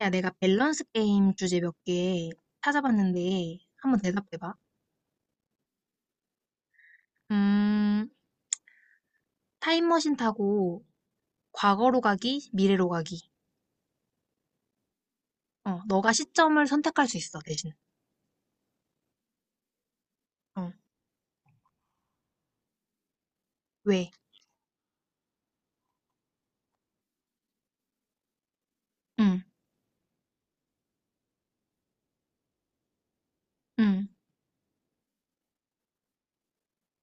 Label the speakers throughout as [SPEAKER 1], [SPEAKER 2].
[SPEAKER 1] 야, 내가 밸런스 게임 주제 몇 개 찾아봤는데 한번 대답해봐. 음, 타임머신 타고 과거로 가기, 미래로 가기. 너가 시점을 선택할 수 있어, 대신. 어, 왜? 응, 응,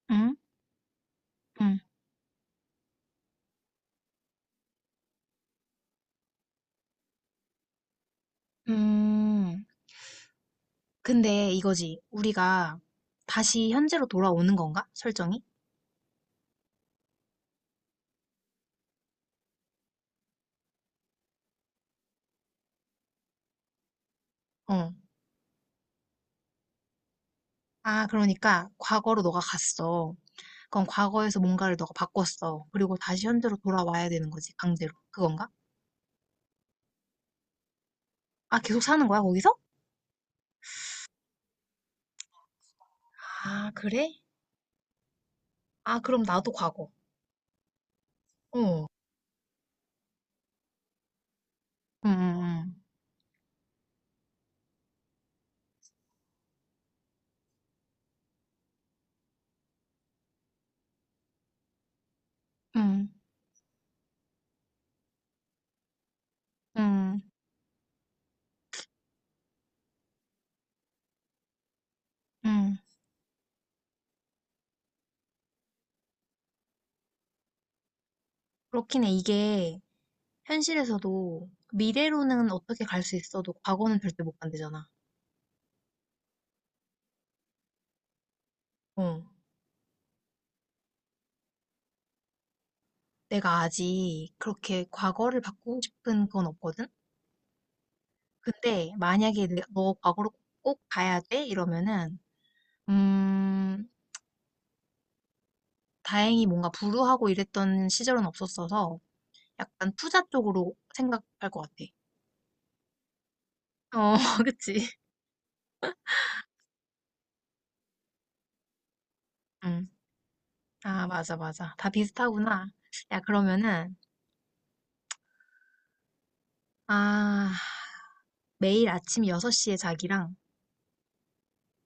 [SPEAKER 1] 응, 응. 음, 근데 이거지. 우리가 다시 현재로 돌아오는 건가? 설정이? 어. 아, 그러니까 과거로 너가 갔어. 그럼 과거에서 뭔가를 너가 바꿨어. 그리고 다시 현재로 돌아와야 되는 거지, 강제로. 그건가? 아, 계속 사는 거야, 거기서? 아, 그래? 아, 그럼 나도 과거. 어. 음, 음, 음, 음. 그렇긴 해. 이게 현실에서도 미래로는 어떻게 갈 수 있어도 과거는 절대 못 간대잖아. 어. 내가 아직 그렇게 과거를 바꾸고 싶은 건 없거든? 근데 만약에 너 과거로 꼭 가야 돼? 이러면은, 음, 다행히 뭔가 불우하고 이랬던 시절은 없었어서 약간 투자 쪽으로 생각할 것 같아. 어, 그치. 음. 아, 맞아, 맞아. 다 비슷하구나. 야, 그러면은, 아, 매일 아침 6시에 자기랑,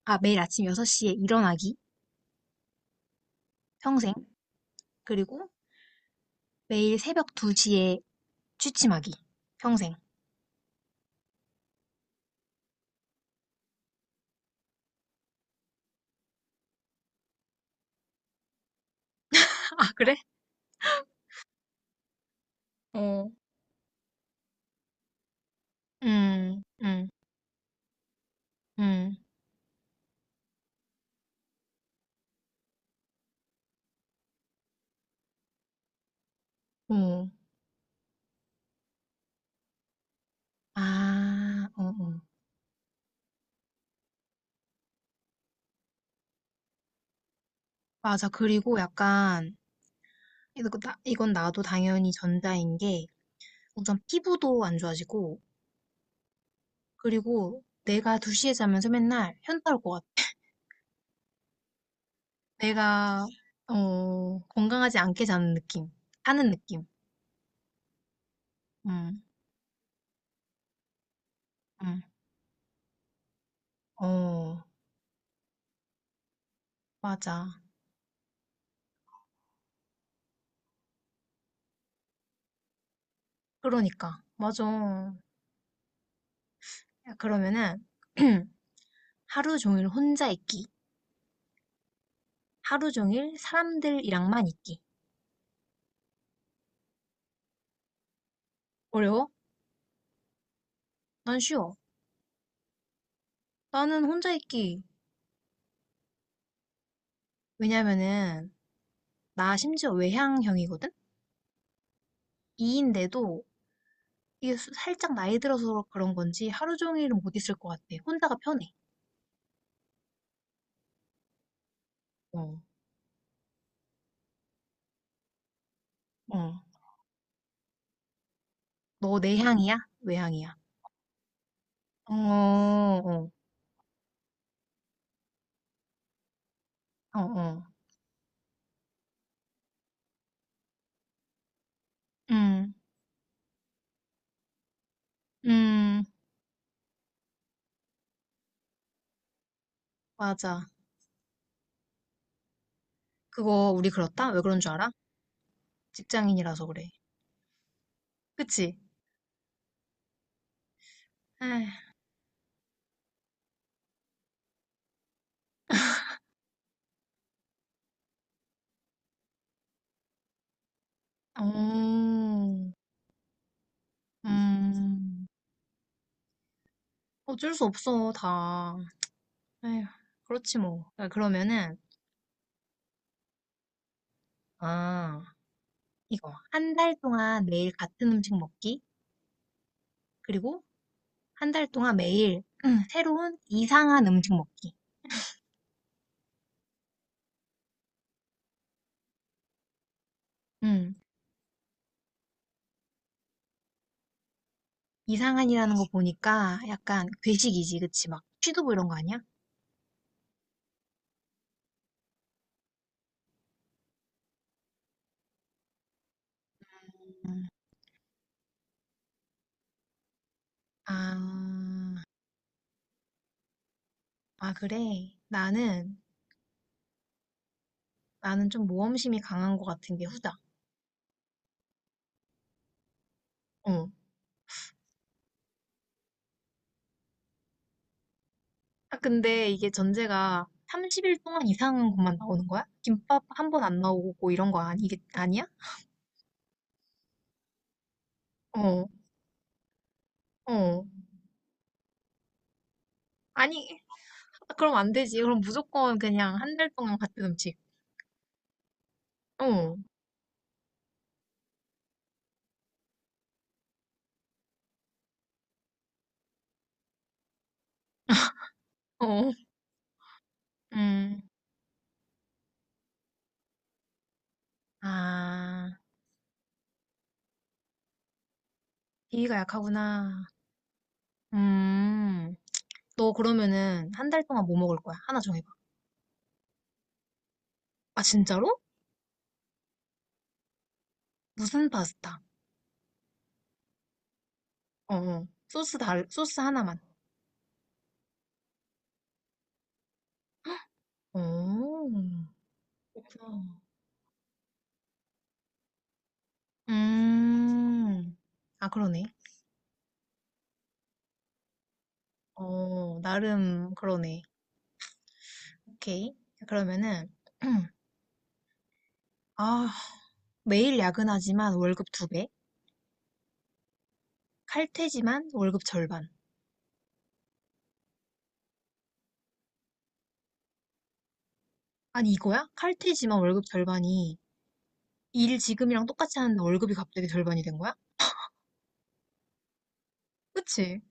[SPEAKER 1] 아, 매일 아침 6시에 일어나기, 평생. 그리고 매일 새벽 2시에 취침하기, 평생. 아, 그래? 어, 음, 음, 음, 어. 아, 어, 어. 맞아. 그리고 약간, 이거 이건 나도 당연히 전자인 게, 우선 피부도 안 좋아지고, 그리고 내가 2시에 자면서 맨날 현타 올것 내가 건강하지 않게 자는 느낌, 사는 느낌. 음, 응. 어, 맞아. 그러니까 맞아. 야, 그러면은, 하루 종일 혼자 있기, 하루 종일 사람들이랑만 있기. 어려워? 난 쉬워. 나는 혼자 있기. 왜냐면은 나 심지어 외향형이거든. 이인데도 이게 살짝 나이 들어서 그런 건지 하루 종일은 못 있을 것 같아. 혼자가 편해. 어, 어. 너 내향이야? 외향이야? 어, 어, 어, 어. 음, 음, 맞아. 그거 우리 그렇다? 왜 그런 줄 알아? 직장인이라서 그래. 그치? 에이, 음, 음. 어쩔 수 없어, 다. 에휴, 그렇지 뭐. 아, 그러면은, 아, 이거. 한 달 동안 매일 같은 음식 먹기. 그리고 한 달 동안 매일 새로운 이상한 음식 먹기. 음, 이상한이라는 거 보니까 약간 괴식이지, 그치? 막 취두부 이런 거 아니야? 아, 아, 그래. 나는, 나는 좀 모험심이 강한 것 같은 게 후다. 어. 아, 근데 이게 전제가 30일 동안 이상한 것만 나오는 거야? 김밥 한 번 안 나오고 이런 거 아니, 아니야? 어, 어. 아니, 아, 그럼 안 되지. 그럼 무조건 그냥 한 달 동안 같은 음식. 어, 어, 음. 아, 비위가 약하구나. 음. 너 그러면은 한 달 동안 뭐 먹을 거야? 하나 정해봐. 아, 진짜로? 무슨 파스타? 어, 어. 소스 하나만. 오, 그렇구나. 음, 아, 그러네. 어, 나름 그러네. 오케이. 그러면은, 아, 매일 야근하지만 월급 두 배? 칼퇴지만 월급 절반. 아니, 이거야? 칼퇴지만 월급 절반이 일 지금이랑 똑같이 하는데 월급이 갑자기 절반이 된 거야? 그치?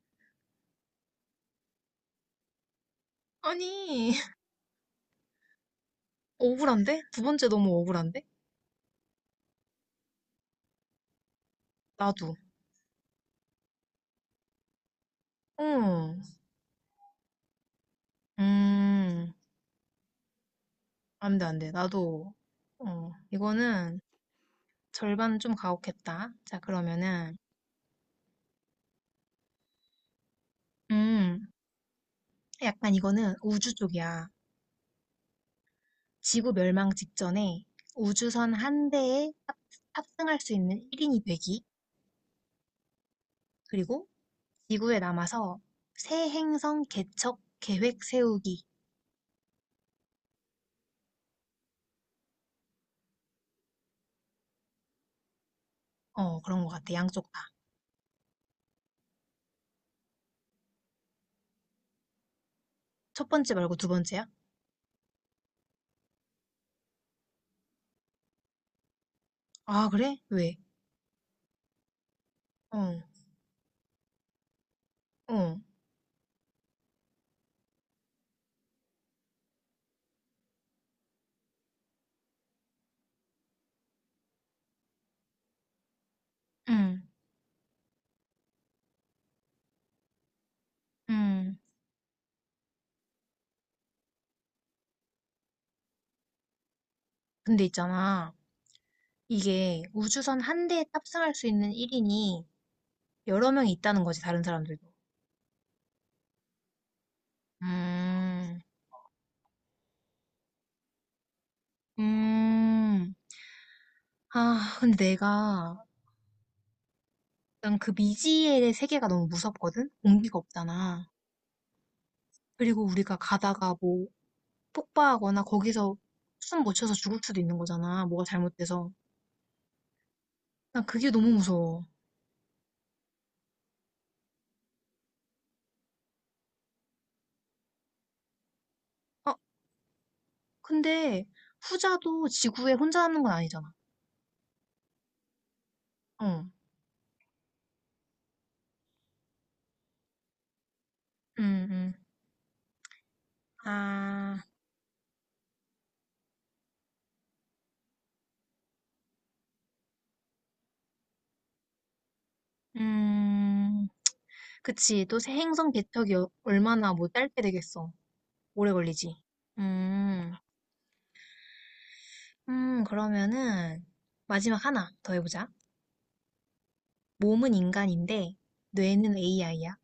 [SPEAKER 1] 아니, 억울한데? 두 번째 너무 억울한데? 나도. 응. 음, 안 돼, 안 돼. 나도, 이거는 절반 좀 가혹했다. 자, 그러면은, 음, 약간 이거는 우주 쪽이야. 지구 멸망 직전에 우주선 한 대에 탑승할 수 있는 1인이 되기. 그리고 지구에 남아서 새 행성 개척 계획 세우기. 어, 그런 것 같아. 양쪽 다. 첫 번째 말고 두 번째야? 아, 그래? 왜? 어, 어, 음, 음. 근데 있잖아. 이게 우주선 한 대에 탑승할 수 있는 1인이 여러 명이 있다는 거지, 다른 사람들도. 음, 음, 아, 근데 내가, 난 그 미지의 세계가 너무 무섭거든? 공기가 없잖아. 그리고 우리가 가다가 뭐, 폭파하거나 거기서 숨 못 쉬어서 죽을 수도 있는 거잖아. 뭐가 잘못돼서. 난 그게 너무 무서워. 아, 근데 후자도 지구에 혼자 남는 건 아니잖아. 어, 음, 음. 아, 음. 그치. 또 새 행성 개척이 얼마나 뭐 짧게 되겠어. 오래 걸리지. 음, 그러면은 마지막 하나 더 해보자. 몸은 인간인데 뇌는 AI야.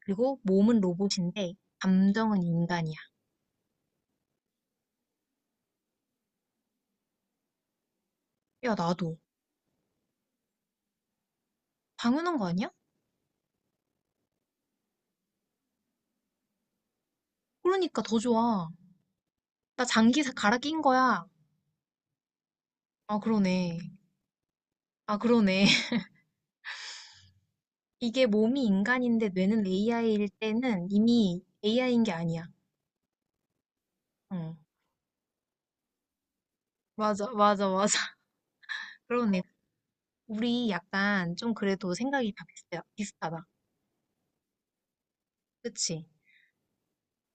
[SPEAKER 1] 그리고 몸은 로봇인데 감정은 인간이야. 야, 나도. 당연한 거 아니야? 그러니까 더 좋아. 나 장기 갈아 낀 거야. 아, 그러네. 아, 그러네. 이게 몸이 인간인데 뇌는 AI일 때는 이미 AI인 게 아니야. 응. 맞아, 맞아, 맞아. 그러네. 우리 약간 좀 그래도 생각이 다 비슷해, 비슷하다. 그치?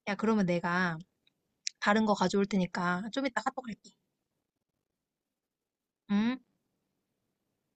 [SPEAKER 1] 야, 그러면 내가 다른 거 가져올 테니까 좀 이따 카톡 할게. 응?